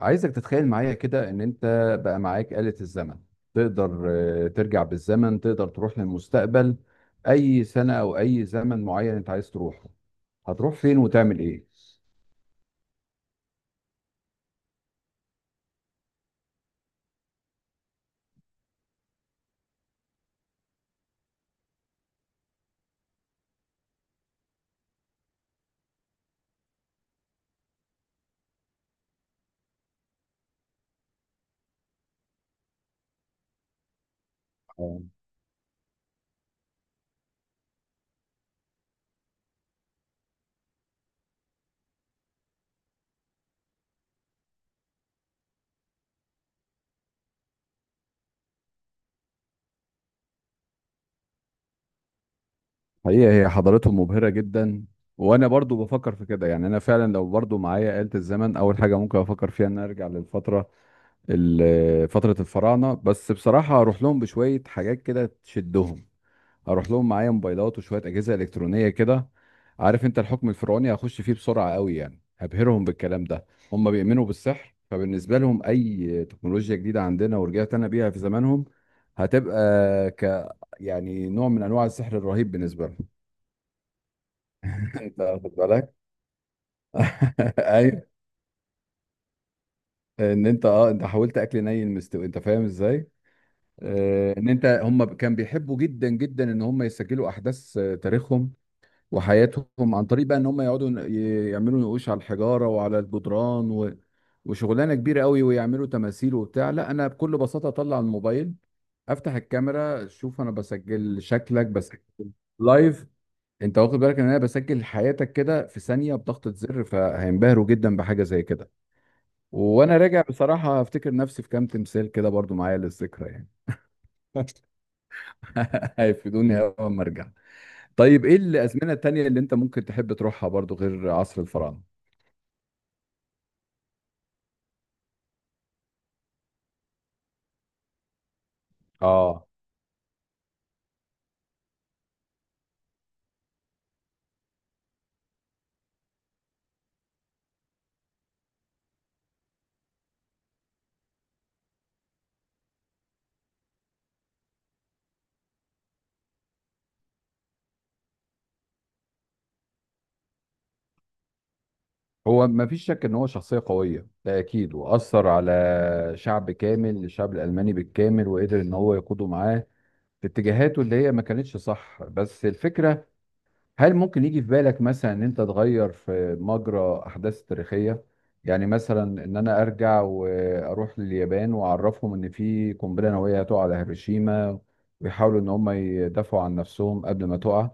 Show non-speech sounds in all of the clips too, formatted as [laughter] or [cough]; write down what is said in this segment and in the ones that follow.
عايزك تتخيل معايا كده ان انت بقى معاك آلة الزمن. تقدر ترجع بالزمن، تقدر تروح للمستقبل. اي سنة او اي زمن معين انت عايز تروحه، هتروح فين وتعمل ايه؟ آه، حقيقة هي حضارتهم مبهرة جدا، وانا برضو بفكر في كده. يعني انا فعلا لو برضو معايا آلة الزمن، اول حاجة ممكن افكر فيها ان أنا ارجع للفترة، فترة الفراعنة. بس بصراحة اروح لهم بشوية حاجات كده تشدهم، اروح لهم معايا موبايلات وشويه اجهزه الكترونيه كده. عارف انت الحكم الفرعوني هخش فيه بسرعه قوي، يعني هبهرهم بالكلام ده. هم بيؤمنوا بالسحر، فبالنسبه لهم اي تكنولوجيا جديده عندنا ورجعت انا بيها في زمانهم هتبقى ك يعني نوع من انواع السحر الرهيب بالنسبه لهم. [laughs] انت واخد بالك؟ [laughs] ايوه. ان انت اه انت حاولت اكل ني المستوي، انت فاهم ازاي؟ ان انت هم كان بيحبوا جدا جدا ان هم يسجلوا احداث تاريخهم وحياتهم، عن طريق بقى ان هم يقعدوا يعملوا نقوش على الحجاره وعلى الجدران و... وشغلانه كبيره قوي، ويعملوا تماثيل وبتاع. لا انا بكل بساطه اطلع الموبايل، افتح الكاميرا، شوف انا بسجل شكلك، بسجل لايف. انت واخد بالك ان انا بسجل حياتك كده في ثانيه بضغطه زر؟ فهينبهروا جدا بحاجه زي كده. وانا راجع بصراحه افتكر نفسي في كام تمثال كده برضو معايا للذكرى يعني. [laughs] هيفيدوني اول ما ارجع. طيب ايه الازمنه التانيه اللي انت ممكن تحب تروحها برضو غير عصر الفراعنه؟ اه. هو ما فيش شك ان هو شخصيه قويه ده اكيد، واثر على شعب كامل، الشعب الالماني بالكامل، وقدر ان هو يقوده معاه في اتجاهاته اللي هي ما كانتش صح. بس الفكره، هل ممكن يجي في بالك مثلا ان انت تغير في مجرى احداث تاريخيه؟ يعني مثلا ان انا ارجع واروح لليابان واعرفهم ان في قنبله نوويه هتقع على هيروشيما، ويحاولوا ان هم يدافعوا عن نفسهم قبل ما تقع.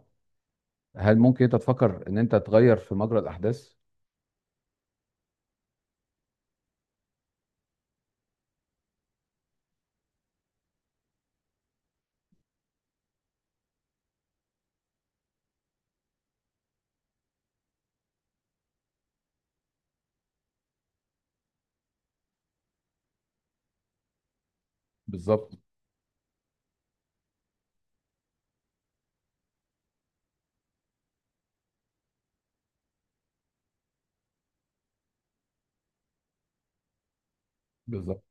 هل ممكن انت تفكر ان انت تغير في مجرى الاحداث؟ بالظبط. بالظبط،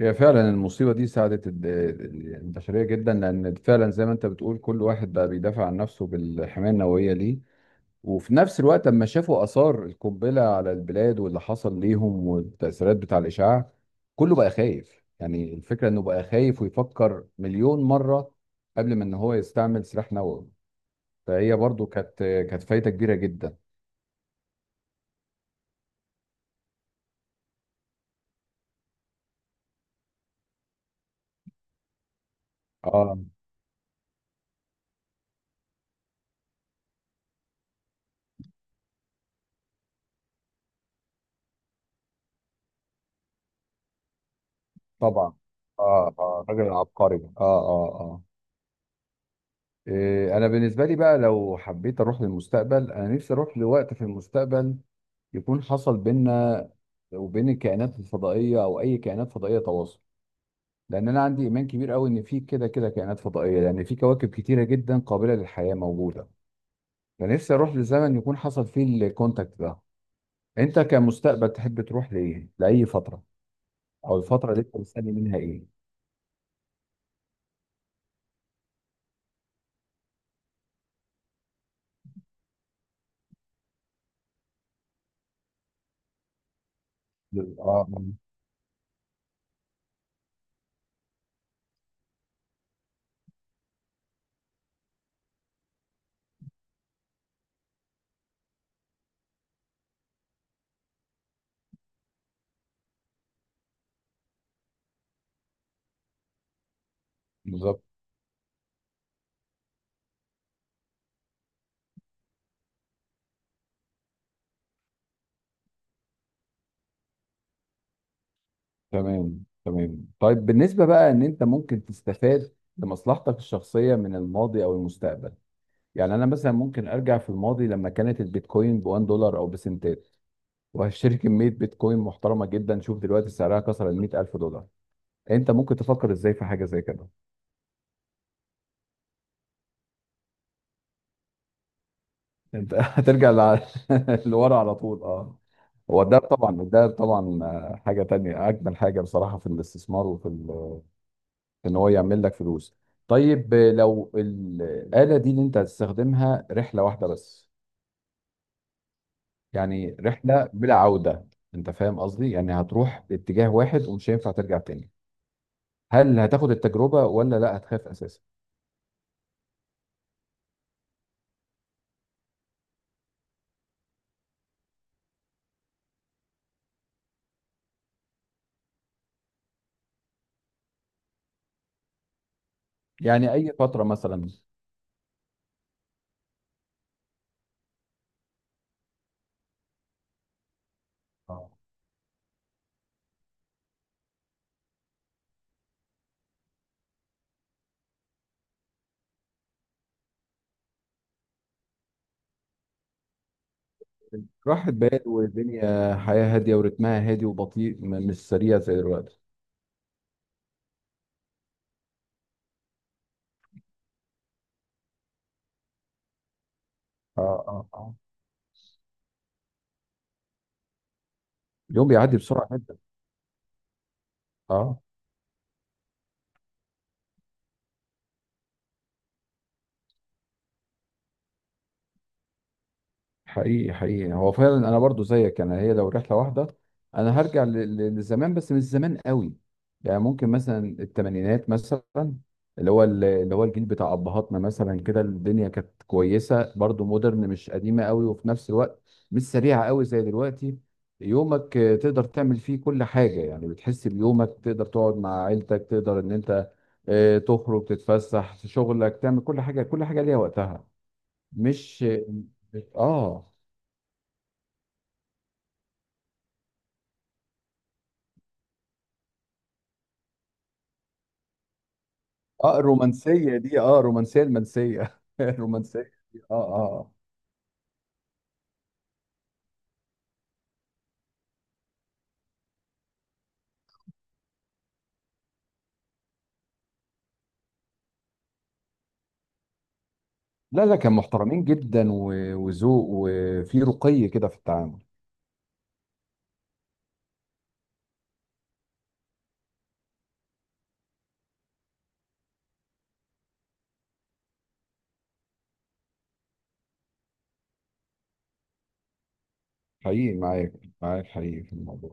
هي فعلا المصيبة دي ساعدت البشرية جدا، لأن فعلا زي ما أنت بتقول كل واحد بقى بيدافع عن نفسه بالحماية النووية ليه. وفي نفس الوقت لما شافوا آثار القنبلة على البلاد واللي حصل ليهم والتأثيرات بتاع الإشعاع، كله بقى خايف. يعني الفكرة إنه بقى خايف ويفكر 1,000,000 مرة قبل ما إن هو يستعمل سلاح نووي. فهي برضو كانت فايدة كبيرة جدا. اه طبعا، اه اه راجل عبقري، اه اه اه. إيه انا بالنسبه لي بقى، لو حبيت اروح للمستقبل انا نفسي اروح لوقت في المستقبل يكون حصل بينا وبين الكائنات الفضائيه او اي كائنات فضائيه تواصل. لان انا عندي ايمان كبير قوي ان في كده كده كائنات فضائيه، لان في كواكب كتيره جدا قابله للحياه موجوده. فنفسي اروح لزمن يكون حصل فيه الكونتاكت ده. انت كمستقبل تحب تروح لايه؟ لاي فتره؟ او الفتره اللي انت مستني منها ايه؟ اه، آه، بالظبط. تمام تمام. طيب بالنسبة بقى ان انت ممكن تستفاد لمصلحتك الشخصية من الماضي او المستقبل، يعني انا مثلا ممكن ارجع في الماضي لما كانت البيتكوين ب 1 دولار او بسنتات، وهشتري كمية بيتكوين محترمة جدا. شوف دلوقتي سعرها كسر ال 100,000 الف دولار. انت ممكن تفكر ازاي في حاجة زي كده؟ انت [laughs] [laughs] لورا على طول، اه. هو ده طبعا، ده طبعا حاجة تانية، اجمل حاجة بصراحة في الاستثمار وفي ان هو يعمل لك فلوس. طيب لو الآلة دي اللي انت هتستخدمها رحلة واحدة بس، يعني رحلة بلا عودة، انت فاهم قصدي؟ يعني هتروح باتجاه واحد ومش هينفع ترجع تاني. هل هتاخد التجربة ولا لا هتخاف اساسا؟ يعني اي فترة مثلا؟ آه. راحت بال، والدنيا حياة هادية ورتمها هادي وبطيء، مش سريع زي دلوقتي. اه اه اه. اليوم بيعدي بسرعة جدا. اه. حقيقي حقيقي، هو فعلا انا برضو زيك. انا هي لو رحله واحده انا هرجع لزمان، بس مش زمان قوي. يعني ممكن مثلا 80-ات مثلا، اللي هو اللي هو الجيل بتاع ابهاتنا مثلا، كده الدنيا كانت كويسه برضو، مودرن مش قديمه قوي وفي نفس الوقت مش سريعه قوي زي دلوقتي. يومك تقدر تعمل فيه كل حاجه، يعني بتحس بيومك. تقدر تقعد مع عيلتك، تقدر ان انت تخرج تتفسح، في شغلك تعمل كل حاجه، كل حاجه ليها وقتها، مش. اه اه، الرومانسيه دي، اه الرومانسيه المنسيه [laughs] الرومانسيه دي، اه اه لا لا، كان محترمين جدا، وذوق وفي رقي كده في التعامل. حقيقي معاك، معاك حقيقي في الموضوع.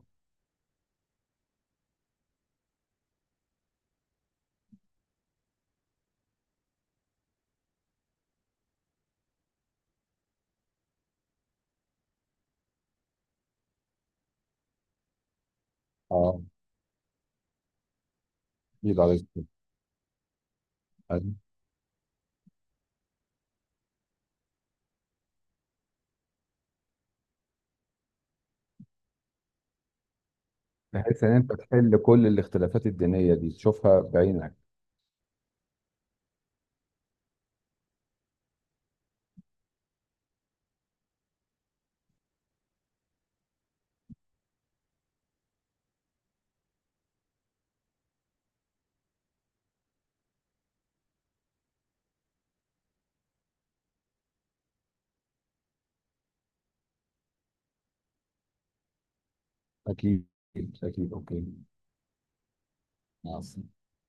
اه اكيد عليك. بحيث ان انت تحل كل الاختلافات الدينيه دي، تشوفها بعينك. اكيد. اكيد، اوكي. مع السلامه.